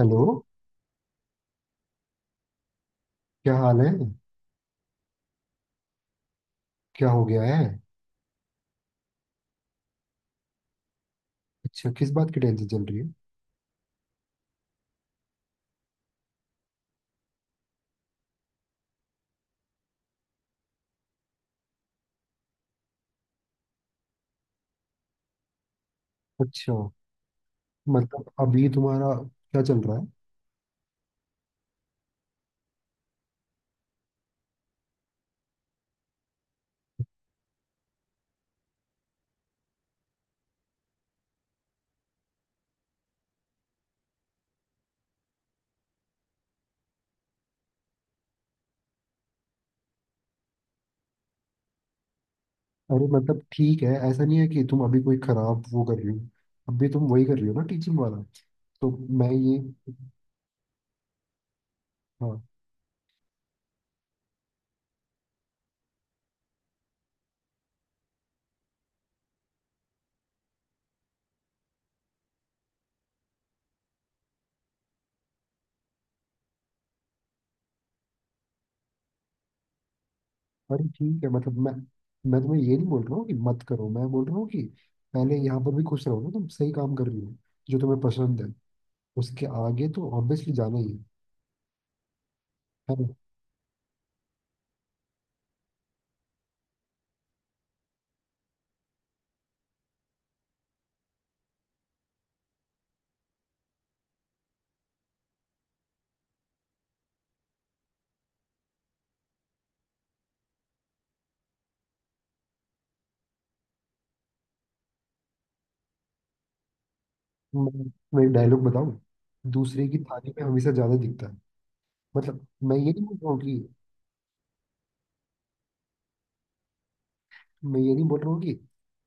Hello. क्या हाल है? क्या हो गया है? अच्छा, किस बात की टेंशन चल रही है? अच्छा, मतलब अभी तुम्हारा क्या चल रहा है? अरे मतलब ठीक है, ऐसा नहीं है कि तुम अभी कोई खराब वो कर रही हो। अभी तुम वही कर रही हो ना, टीचिंग वाला। तो मैं ये हाँ। अरे ठीक है, मतलब मैं तुम्हें ये नहीं बोल रहा हूँ कि मत करो। मैं बोल रहा हूँ कि पहले यहाँ पर भी खुश रहो ना। तुम सही काम कर रही हो, जो तुम्हें पसंद है। उसके आगे तो ऑब्वियसली जाना ही है। है ना? मैं मैं एक डायलॉग बताऊं, दूसरे की थाली में हमेशा ज्यादा दिखता है। मतलब मैं ये नहीं बोल रहा हूँ कि मैं ये नहीं बोल रहा हूँ कि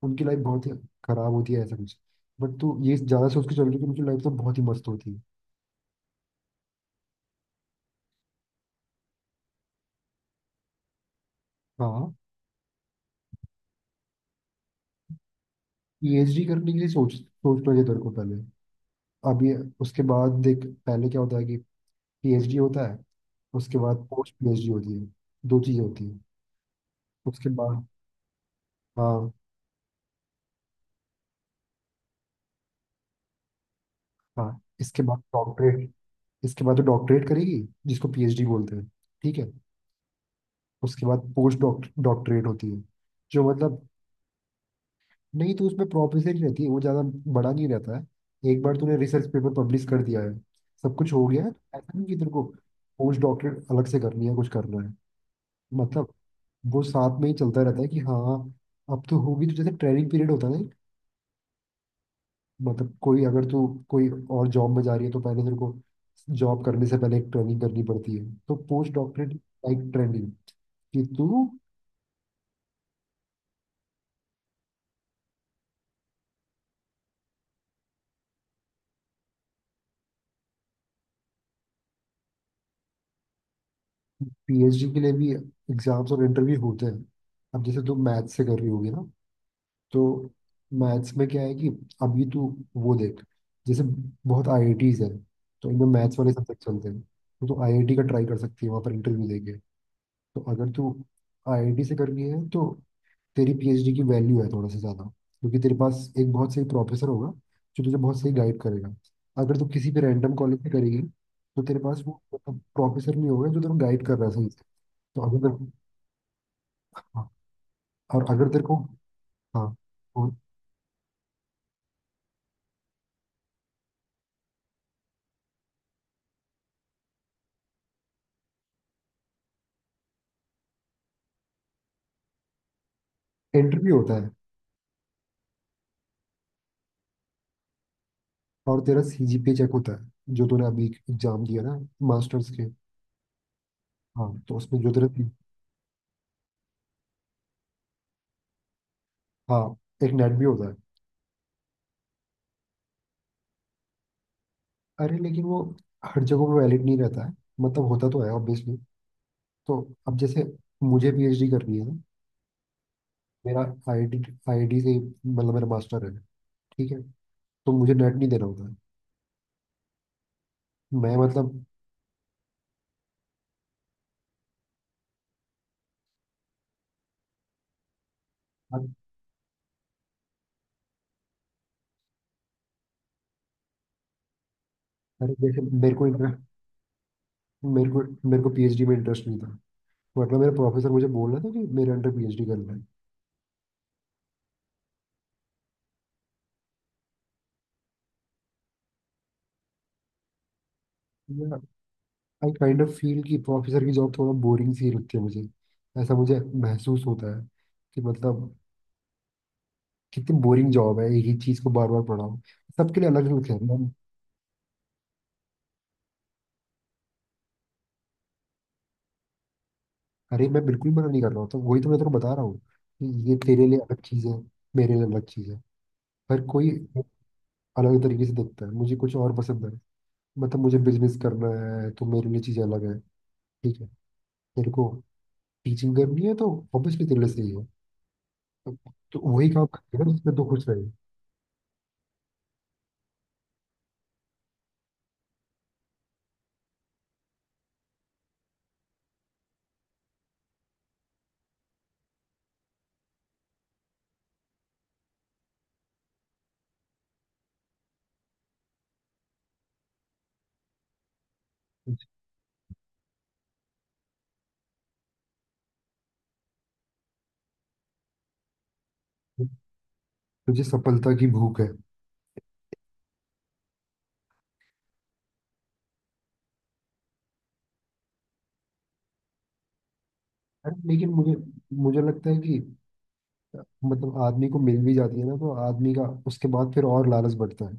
उनकी लाइफ बहुत ही खराब होती है, ऐसा कुछ। बट तू ये ज्यादा सोच के चल रही है कि उनकी लाइफ तो बहुत ही मस्त होती है। हाँ, पीएचडी करने के लिए सोचना चाहिए तेरे को पहले। अब ये उसके बाद देख, पहले क्या होता है कि पीएचडी होता है, उसके बाद पोस्ट पीएचडी होती है। दो चीजें होती है। उसके बाद हाँ, हाँ, इसके बाद डॉक्टरेट। इसके बाद तो डॉक्टरेट करेगी, जिसको पीएचडी बोलते हैं। ठीक है, उसके बाद पोस्ट डॉक्टरेट होती है। जो मतलब नहीं, तो उसमें प्रॉप रिसर्च रहती है वो, ज़्यादा बड़ा नहीं रहता है। एक बार तूने रिसर्च पेपर पब्लिश कर दिया है, सब कुछ हो गया है, तो ऐसा नहीं कि तेरे को पोस्ट डॉक्टरेट अलग से करनी है, कुछ करना है। मतलब वो साथ में ही चलता रहता है कि हाँ अब तो होगी, तो जैसे ट्रेनिंग पीरियड होता है ना। मतलब कोई, अगर तू कोई और जॉब में जा रही है, तो पहले तेरे को जॉब करने से पहले एक ट्रेनिंग करनी पड़ती है। तो पोस्ट डॉक्टरेट लाइक ट्रेनिंग कि तू पीएचडी के लिए भी एग्जाम्स और इंटरव्यू होते हैं। अब जैसे तू मैथ्स से कर रही होगी ना, तो मैथ्स में क्या है कि अभी तू वो देख, जैसे बहुत आईआईटीज है, तो इनमें मैथ्स वाले सब्जेक्ट चलते हैं, तो तू आईआईटी का ट्राई कर सकती है वहाँ पर इंटरव्यू देके। तो अगर तू आईआईटी से कर रही है, तो तेरी पीएचडी की वैल्यू है थोड़ा सा ज़्यादा, क्योंकि तेरे पास एक बहुत सही प्रोफेसर होगा जो तुझे बहुत सही गाइड करेगा। अगर तू किसी भी रैंडम कॉलेज से करेगी, तो तेरे पास वो प्रोफेसर नहीं होगा जो तेरे गाइड कर रहा है सही से। तो अगर हाँ, और अगर तेरे को हाँ, और इंटरव्यू होता है, और तेरा सीजीपीए चेक होता है जो तूने अभी एग्जाम दिया ना, मास्टर्स के। हाँ, तो उसमें जो तेरा हाँ, एक नेट भी होता है। अरे लेकिन वो हर जगह पे वैलिड नहीं रहता है, मतलब होता तो है ऑब्वियसली। तो अब जैसे मुझे पीएचडी करनी है, मेरा आईआईटी आईआईटी से, मतलब मेरा मास्टर है, ठीक है, तो मुझे नेट नहीं देना होता है। मैं मतलब अरे जैसे मेरे को इंटरेस्ट, मेरे को मेरे को पीएचडी में इंटरेस्ट नहीं था, वरना मेरा प्रोफेसर मुझे बोल रहा था कि मेरे अंडर पीएचडी करना है। आई काइंड ऑफ फील कि प्रोफेसर की जॉब थोड़ा बोरिंग सी लगती है मुझे। ऐसा मुझे महसूस होता है कि मतलब कितनी बोरिंग जॉब है, एक ही चीज़ को बार बार पढ़ाओ। सबके लिए अलग अलग है। मैं अरे, मैं बिल्कुल मना नहीं कर रहा हूँ, तो वही तो मैं तेरे को बता रहा हूँ कि ये तेरे लिए अलग चीज़ है, मेरे लिए अलग चीज़ है। हर कोई अलग तरीके से देखता है। मुझे कुछ और पसंद है, मतलब मुझे बिजनेस करना है, तो मेरे लिए चीज़ें अलग है। ठीक है, तेरे को टीचिंग करनी है, तो ऑब्वियसली तेरे लिए सही है। तो वही काम करेगा जिसमें तू खुश रहे। तुझे तुझे सफलता की भूख है। अरे लेकिन मुझे, मुझे लगता है कि अ, मतलब आदमी को मिल भी जाती है ना, तो आदमी का उसके बाद फिर और लालच बढ़ता है।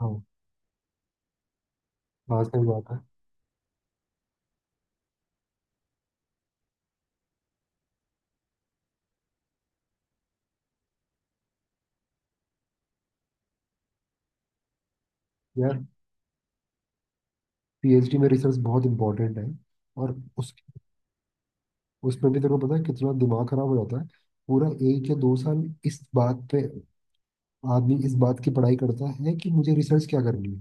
हाँ हाँ, सही बात है यार। पीएचडी में रिसर्च बहुत इंपॉर्टेंट है, और उस उसमें भी तेरे को पता है कितना दिमाग खराब हो जाता है। पूरा एक या दो साल इस बात पे आदमी इस बात की पढ़ाई करता है कि मुझे रिसर्च क्या करनी।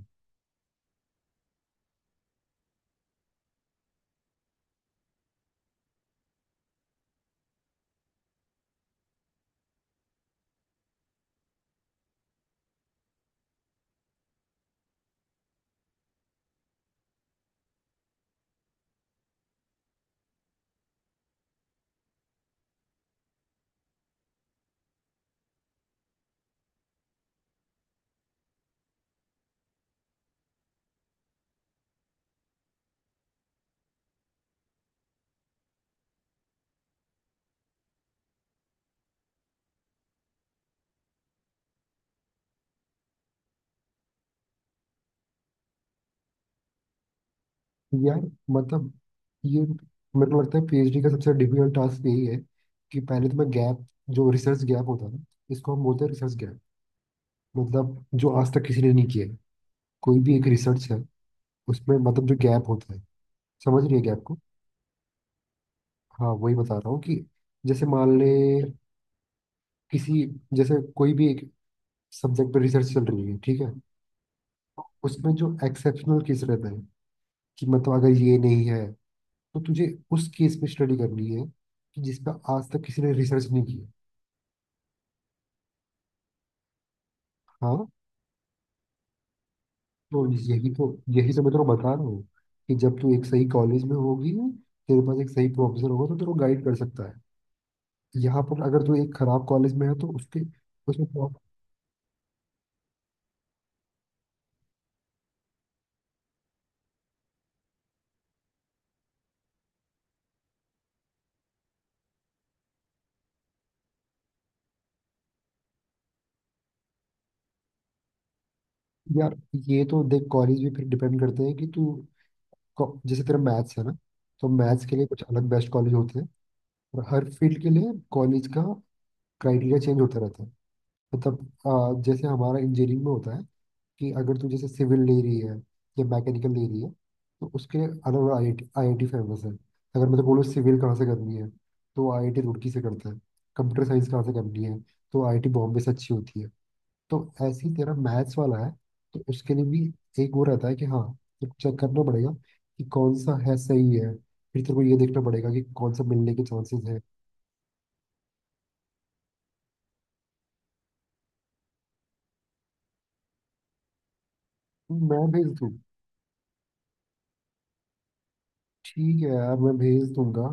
यार मतलब ये मेरे को लगता है पीएचडी का सबसे डिफिकल्ट टास्क यही है कि पहले तो मैं गैप, जो रिसर्च गैप होता है ना, इसको हम बोलते हैं रिसर्च गैप। मतलब जो आज तक किसी ने नहीं किया है। कोई भी एक रिसर्च है, उसमें मतलब जो गैप होता है, समझ रही है गैप को? हाँ वही बता रहा हूँ कि जैसे मान ले किसी, जैसे कोई भी एक सब्जेक्ट पर रिसर्च चल रही है, ठीक है, उसमें जो एक्सेप्शनल केस रहता है, कि मतलब अगर ये नहीं है, तो तुझे उस केस पे स्टडी करनी है कि जिस पर आज तक किसी ने रिसर्च नहीं की है। हाँ, तो यही तो मैं तेरे को बता रहा हूँ कि जब तू एक सही कॉलेज में होगी, तेरे पास एक सही प्रोफेसर होगा, तो तेरे को गाइड कर सकता है। यहाँ पर अगर तू एक खराब कॉलेज में है, तो उसके उसमें pro- यार ये तो देख, कॉलेज भी फिर डिपेंड करते हैं कि तू जैसे तेरा मैथ्स है ना, तो मैथ्स के लिए कुछ अलग बेस्ट कॉलेज होते हैं, और हर फील्ड के लिए कॉलेज का क्राइटेरिया चेंज होता रहता है। तो तब जैसे हमारा इंजीनियरिंग में होता है कि अगर तू जैसे सिविल ले रही है या मैकेनिकल ले रही है, तो उसके लिए अलग अलग आई आई आईआईटी फेमस है। अगर मैं तो बोलूँ सिविल कहाँ से करनी है, तो आईआईटी रुड़की से करता है। कंप्यूटर साइंस कहाँ से करनी है, तो आईआईटी बॉम्बे से अच्छी होती है। तो ऐसे ही तेरा मैथ्स वाला है, तो उसके लिए भी एक वो रहता है कि हाँ, तो चेक करना पड़ेगा कि कौन सा है सही है। फिर तेरे को ये देखना पड़ेगा कि कौन सा मिलने के चांसेस है। मैं भेज दूँ? ठीक है यार, मैं भेज दूंगा।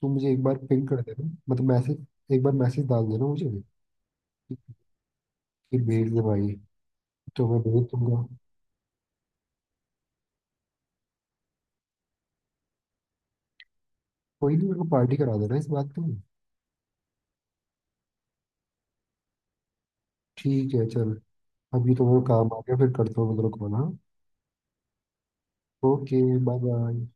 तुम मुझे एक बार पिंग कर देना, मतलब मैसेज, एक बार मैसेज डाल देना मुझे कि भेज दे भाई, तो मैं भेज दूंगा। कोई नहीं, मेरे को पार्टी करा देना इस बात पे। ठीक है चल, अभी तो मेरे को काम आ गया, फिर करता हूँ मतलब कॉल। हाँ, ओके, बाय बाय।